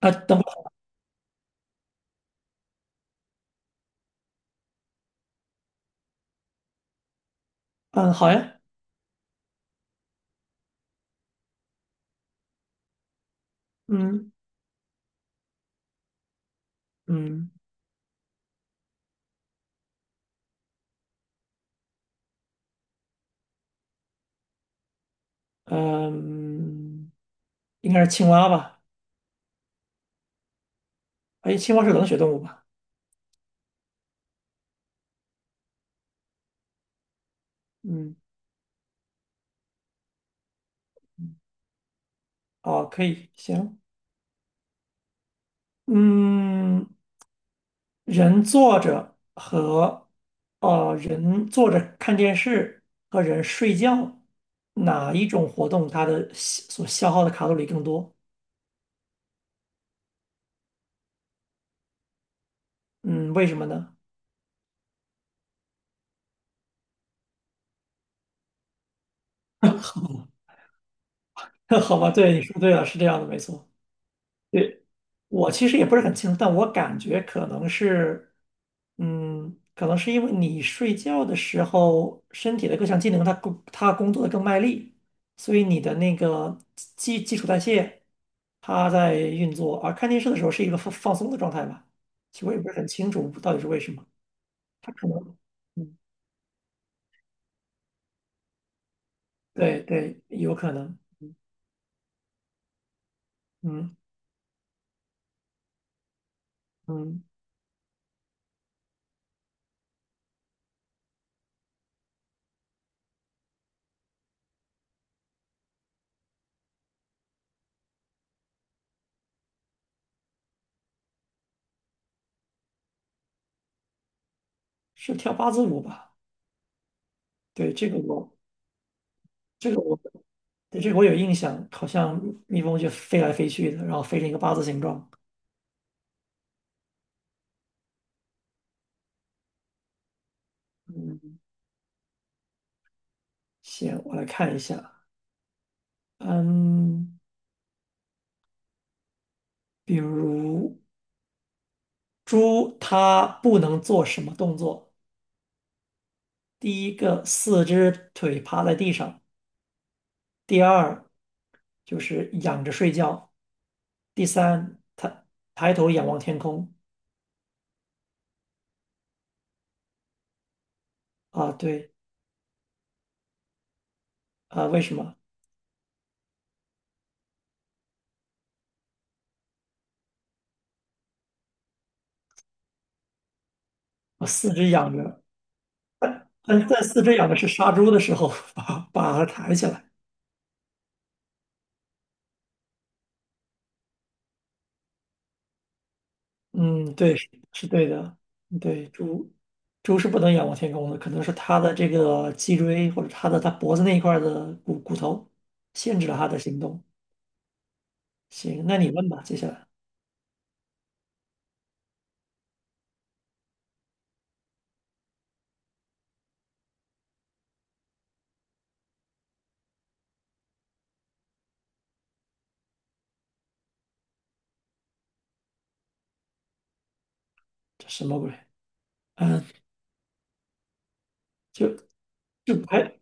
啊，等会。嗯，好呀。嗯嗯嗯，应该是青蛙吧？哎，青蛙是冷血动物吧？嗯，哦，可以，行，嗯，人坐着和人坐着看电视和人睡觉，哪一种活动它的消耗的卡路里更多？嗯，为什么呢？好吧，对，你说对了，是这样的，没错。对。我其实也不是很清楚，但我感觉可能是，可能是因为你睡觉的时候，身体的各项机能它工作的更卖力，所以你的那个基础代谢它在运作，而看电视的时候是一个放松的状态吧。其实我也不是很清楚到底是为什么，它可能，嗯，对对，有可能。嗯嗯，是跳八字舞吧？对，这个我。对，这个我有印象，好像蜜蜂就飞来飞去的，然后飞成一个八字形状。行，我来看一下。嗯，比如猪，它不能做什么动作？第一个，四只腿趴在地上；第二，就是仰着睡觉；第三，抬头仰望天空。啊，对。啊，为什么？啊，四肢仰着，但四肢仰着是杀猪的时候 把它抬起来。嗯，对，是对的。对，猪是不能仰望天空的，可能是它的这个脊椎或者它的脖子那一块儿的骨头限制了它的行动。行，那你问吧，接下来。这什么鬼？嗯，就就白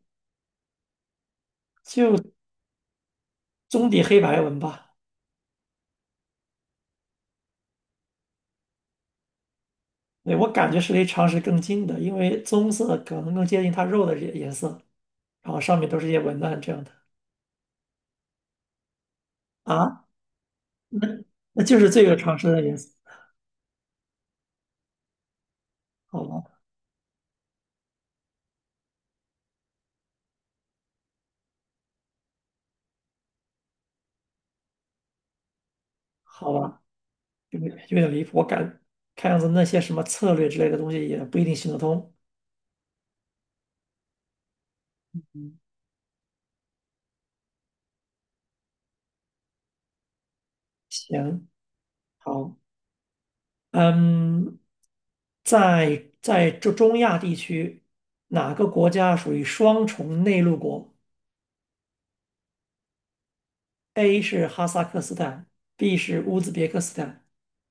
就棕底黑白纹吧。对，我感觉是离常识更近的，因为棕色可能更接近它肉的颜色，然后上面都是一些文案这样的。啊，那就是这个常识的颜色。好吧，好吧。有点离谱。看样子那些什么策略之类的东西也不一定行得通。嗯，行，好，嗯，在中亚地区，哪个国家属于双重内陆国？A 是哈萨克斯坦，B 是乌兹别克斯坦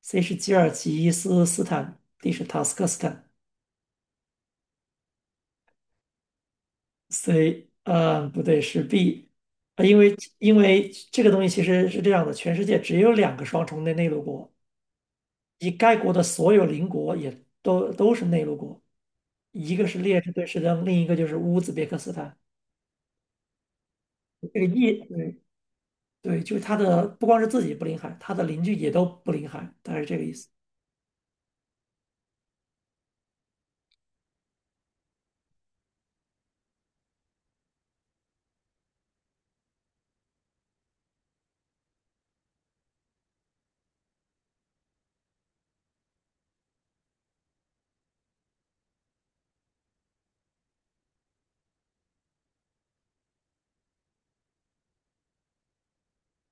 ，C 是吉尔吉斯斯坦，D 是塔斯克斯坦。C，不对，是 B。啊，因为这个东西其实是这样的，全世界只有两个双重内陆国，以该国的所有邻国也都是内陆国，一个是列支敦士登，另一个就是乌兹别克斯坦。这个意，对对，就是它的不光是自己不临海，它的邻居也都不临海，大概是这个意思。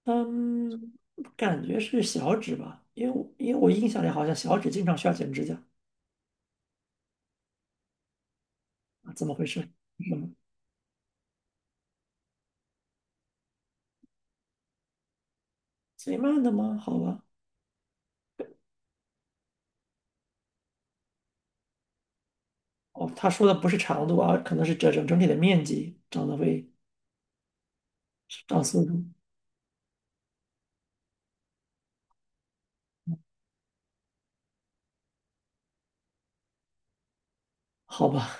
嗯，感觉是小指吧，因为我印象里好像小指经常需要剪指甲。啊，怎么回事？什么最慢的吗？好吧。哦，他说的不是长度啊，可能是整体的面积长得会长速度。好吧，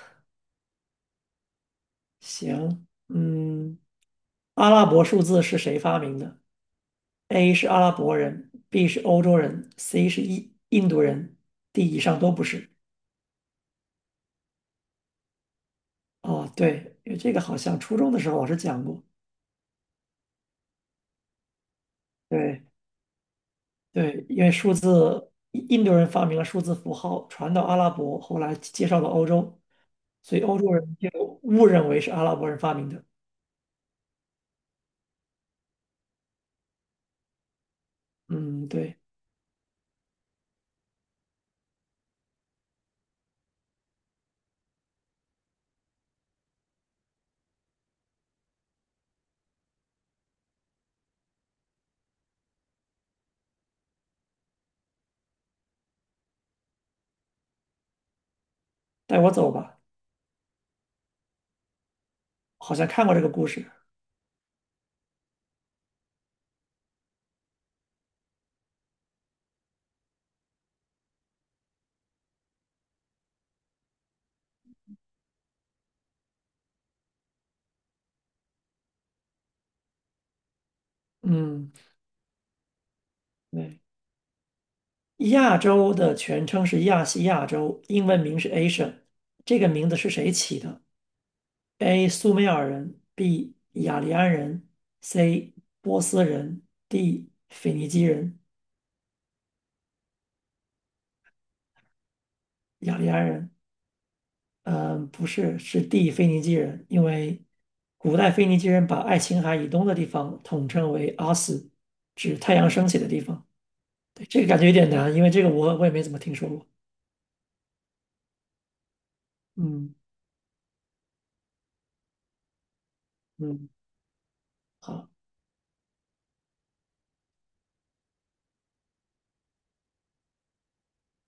行，嗯。阿拉伯数字是谁发明的？A 是阿拉伯人，B 是欧洲人，C 是印度人，D 以上都不是。哦，对，因为这个好像初中的时候老师讲过。对对，因为数字，印度人发明了数字符号，传到阿拉伯，后来介绍到欧洲，所以欧洲人就误认为是阿拉伯人发明的。嗯，对，带我走吧，好像看过这个故事。嗯，对。亚洲的全称是亚细亚洲，英文名是 Asia 这个名字是谁起的？A. 苏美尔人，B. 雅利安人，C. 波斯人，D. 腓尼基人。雅利安人，嗯、不是，是 D. 腓尼基人，因为古代腓尼基人把爱琴海以东的地方统称为阿斯，指太阳升起的地方。对，这个感觉有点难，因为这个我也没怎么听说过。嗯嗯，好，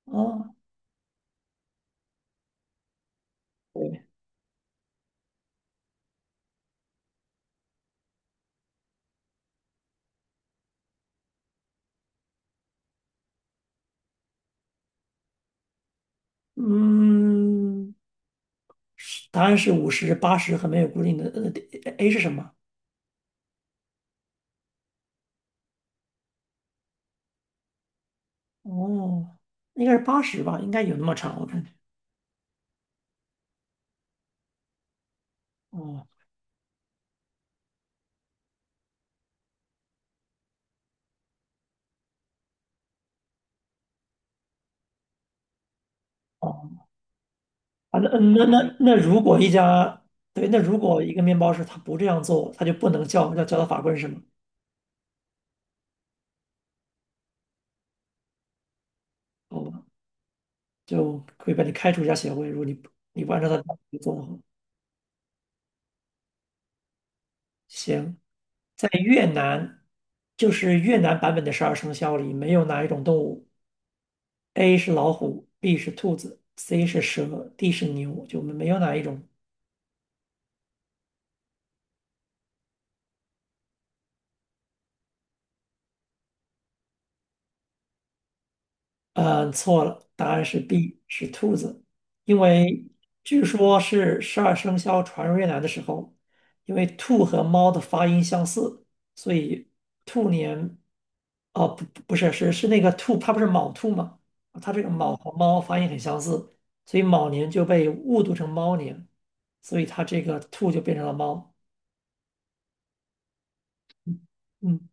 哦，对，嗯。答案是50、八十和没有固定的。A 是什么？哦，应该是八十吧，应该有那么长，我感觉。哦哦，啊，那如果一家对，那如果一个面包师他不这样做，他就不能叫他法官，是吗？好吧，就会把你开除一下协会。如果你不按照他的要求做的话，行，在越南，就是越南版本的十二生肖里没有哪一种动物，A 是老虎，B 是兔子，C 是蛇，D 是牛，就没有哪一种。嗯，错了，答案是 B，是兔子，因为据说是十二生肖传入越南的时候，因为兔和猫的发音相似，所以兔年，哦，不，不是，是那个兔，它不是卯兔吗？它这个卯和猫发音很相似，所以卯年就被误读成猫年，所以它这个兔就变成了猫。嗯，嗯，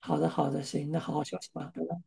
好的，好的，行，那好好休息吧，拜拜。